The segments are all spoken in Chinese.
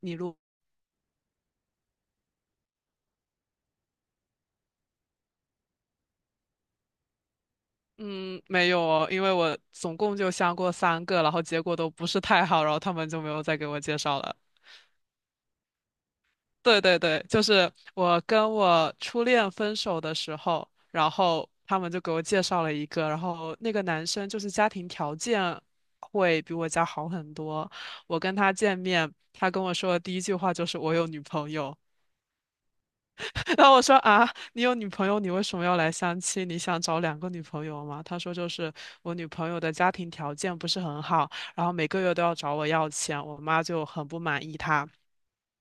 你录，嗯，没有哦，因为我总共就相过三个，然后结果都不是太好，然后他们就没有再给我介绍了。对对对，就是我跟我初恋分手的时候，然后他们就给我介绍了一个，然后那个男生就是家庭条件会比我家好很多。我跟他见面，他跟我说的第一句话就是我有女朋友，然后我说啊，你有女朋友，你为什么要来相亲？你想找两个女朋友吗？他说就是我女朋友的家庭条件不是很好，然后每个月都要找我要钱，我妈就很不满意她。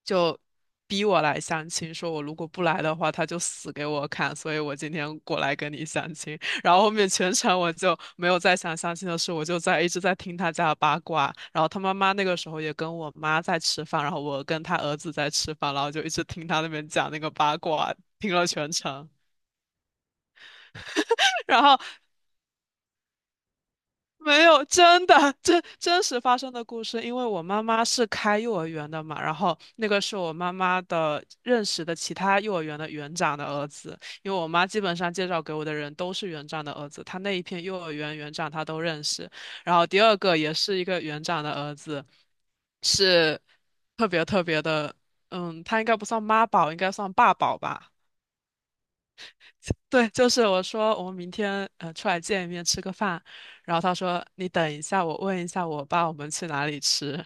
就逼我来相亲，说我如果不来的话，他就死给我看，所以我今天过来跟你相亲。然后后面全程我就没有再想相亲的事，我就在一直在听他家的八卦。然后他妈妈那个时候也跟我妈在吃饭，然后我跟他儿子在吃饭，然后就一直听他那边讲那个八卦，听了全程。然后没有，真的，真实发生的故事。因为我妈妈是开幼儿园的嘛，然后那个是我妈妈的认识的其他幼儿园的园长的儿子。因为我妈基本上介绍给我的人都是园长的儿子，她那一片幼儿园园长她都认识。然后第二个也是一个园长的儿子，是特别特别的，嗯，他应该不算妈宝，应该算爸宝吧。对，就是我说我们明天出来见一面吃个饭，然后他说你等一下，我问一下我爸我们去哪里吃，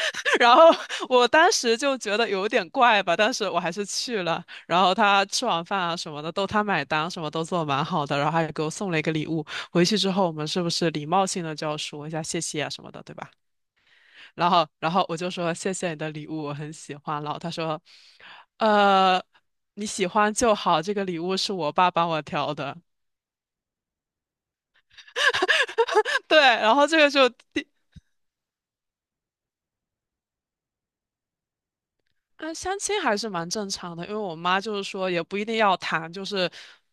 然后我当时就觉得有点怪吧，但是我还是去了，然后他吃完饭啊什么的都他买单，什么都做得蛮好的，然后还给我送了一个礼物，回去之后我们是不是礼貌性的就要说一下谢谢啊什么的，对吧？然后我就说谢谢你的礼物，我很喜欢，然后他说，呃。你喜欢就好，这个礼物是我爸帮我挑的。对，然后这个就第，嗯，相亲还是蛮正常的，因为我妈就是说也不一定要谈，就是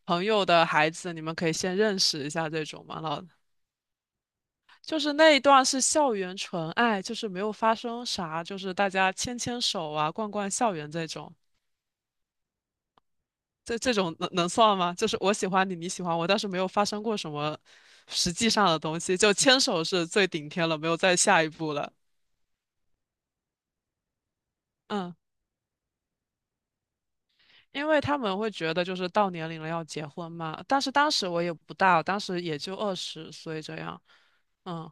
朋友的孩子，你们可以先认识一下这种嘛。就是那一段是校园纯爱，就是没有发生啥，就是大家牵牵手啊，逛逛校园这种，这种能算吗？就是我喜欢你，你喜欢我，但是没有发生过什么实际上的东西，就牵手是最顶天了，没有再下一步了。嗯。因为他们会觉得就是到年龄了要结婚嘛，但是当时我也不大，当时也就二十岁这样。嗯，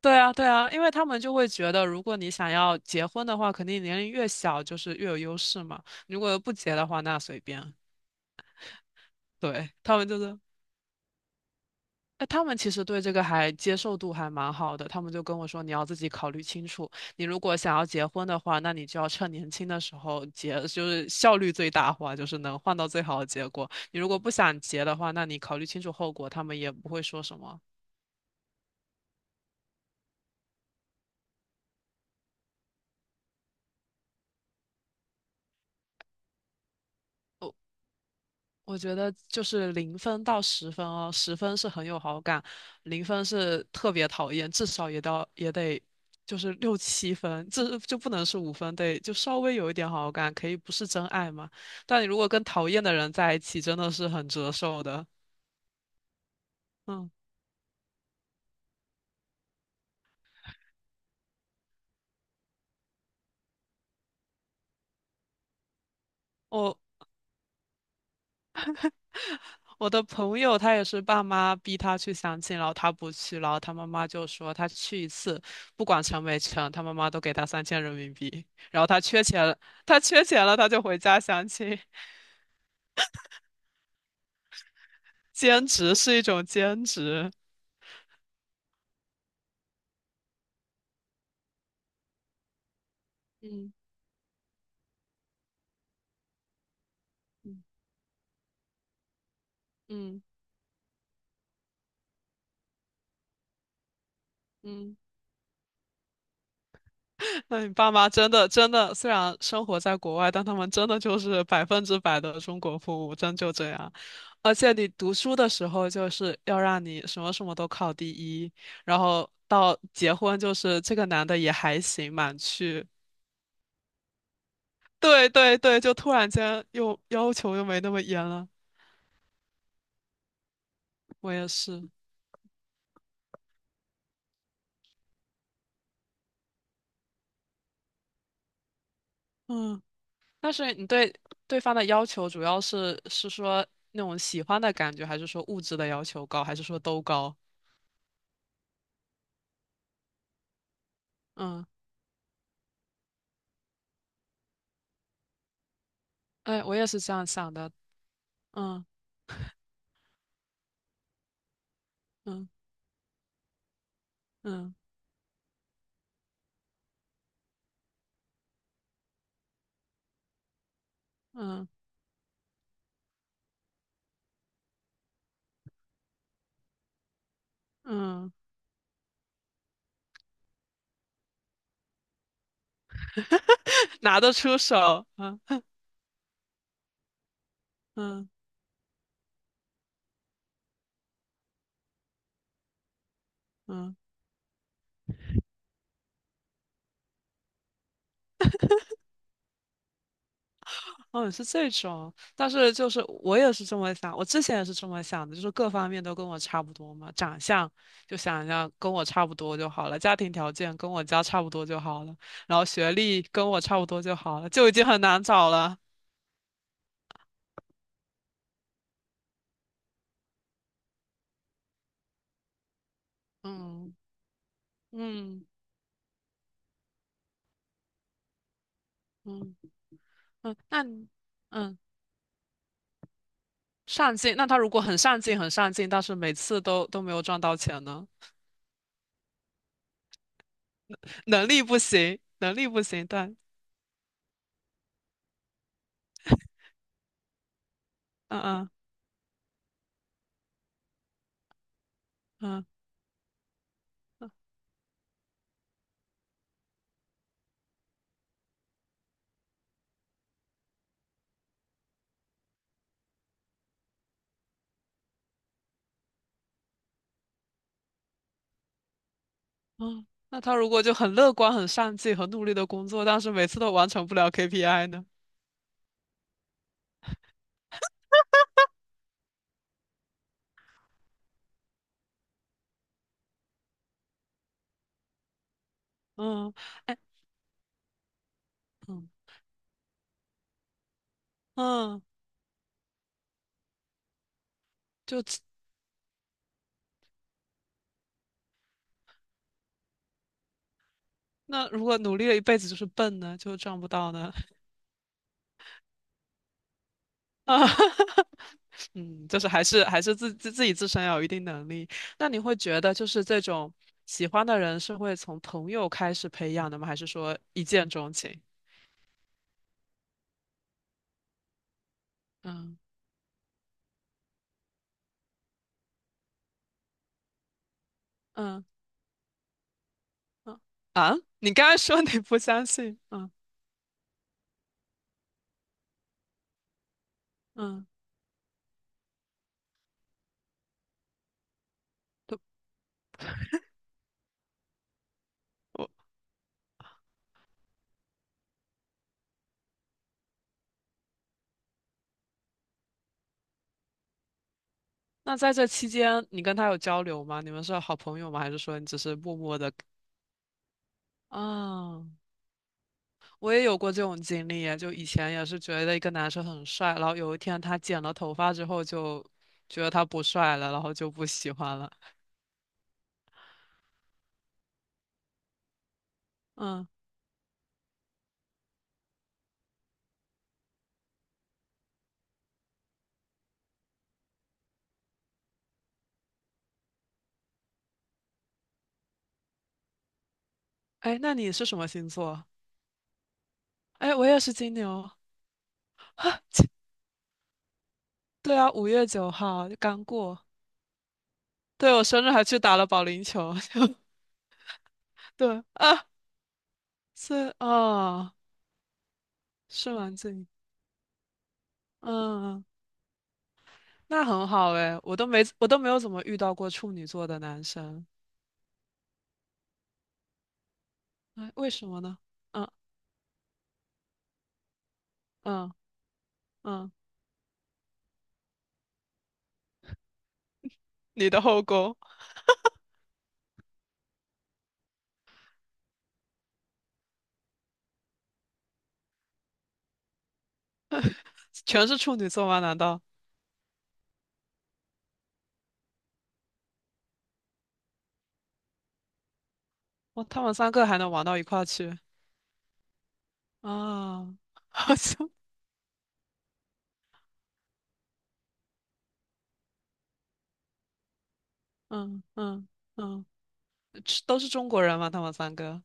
对啊，对啊，因为他们就会觉得，如果你想要结婚的话，肯定年龄越小就是越有优势嘛。如果不结的话，那随便。对，他们就是哎，他们其实对这个还接受度还蛮好的，他们就跟我说，你要自己考虑清楚，你如果想要结婚的话，那你就要趁年轻的时候结，就是效率最大化，就是能换到最好的结果。你如果不想结的话，那你考虑清楚后果，他们也不会说什么。我觉得就是零分到十分哦，十分是很有好感，零分是特别讨厌，至少也到也得就是六七分，这就不能是五分，得就稍微有一点好感，可以不是真爱嘛。但你如果跟讨厌的人在一起，真的是很折寿的。嗯，我我的朋友他也是爸妈逼他去相亲，然后他不去，然后他妈妈就说他去一次，不管成没成，他妈妈都给他三千人民币，然后他缺钱了，他缺钱了，他就回家相亲。兼职是一种兼职。嗯嗯嗯嗯，那你爸妈真的真的，虽然生活在国外，但他们真的就是百分之百的中国父母，真就这样。而且你读书的时候，就是要让你什么什么都考第一，然后到结婚，就是这个男的也还行，满去。对对对，就突然间又要求又没那么严了。我也是，嗯。但是你对对方的要求主要是说那种喜欢的感觉，还是说物质的要求高，还是说都高？嗯，哎，我也是这样想的。嗯嗯嗯嗯嗯，拿得出手。嗯嗯嗯，哦，是这种。但是就是我也是这么想，我之前也是这么想的，就是各方面都跟我差不多嘛，长相就想要跟我差不多就好了，家庭条件跟我家差不多就好了，然后学历跟我差不多就好了，就已经很难找了。嗯嗯嗯嗯，那你嗯上进，那他如果很上进很上进，但是每次都都没有赚到钱呢？能力不行，能力不行，对，嗯嗯嗯嗯，那他如果就很乐观很上进很努力的工作，但是每次都完成不了 KPI 呢？嗯，哎嗯嗯，就那如果努力了一辈子就是笨呢，就赚不到呢？啊，嗯，就是还是自身要有一定能力。那你会觉得就是这种喜欢的人是会从朋友开始培养的吗？还是说一见钟情？嗯嗯嗯啊！你刚才说你不相信，嗯嗯，对，我那在这期间你跟他有交流吗？你们是好朋友吗？还是说你只是默默的啊？我也有过这种经历耶，就以前也是觉得一个男生很帅，然后有一天他剪了头发之后，就觉得他不帅了，然后就不喜欢了。嗯，哎，那你是什么星座？哎，我也是金牛啊。切对啊，五月九号刚过。对，我生日还去打了保龄球。对啊，是啊，哦是蛮近。嗯，那很好哎，我都没有怎么遇到过处女座的男生。哎，为什么呢？嗯嗯嗯，你的后宫。全是处女座吗？难道哇？他们三个还能玩到一块儿去啊？好像，嗯嗯嗯，是都是中国人吗？他们三个，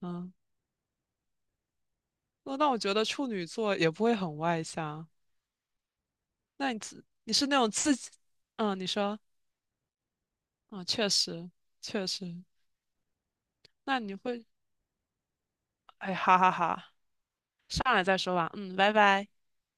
嗯，那那我觉得处女座也不会很外向。那你自你是那种自己，嗯，你说，嗯，确实确实，那你会，哎，哈哈哈，上来再说吧，嗯，拜拜。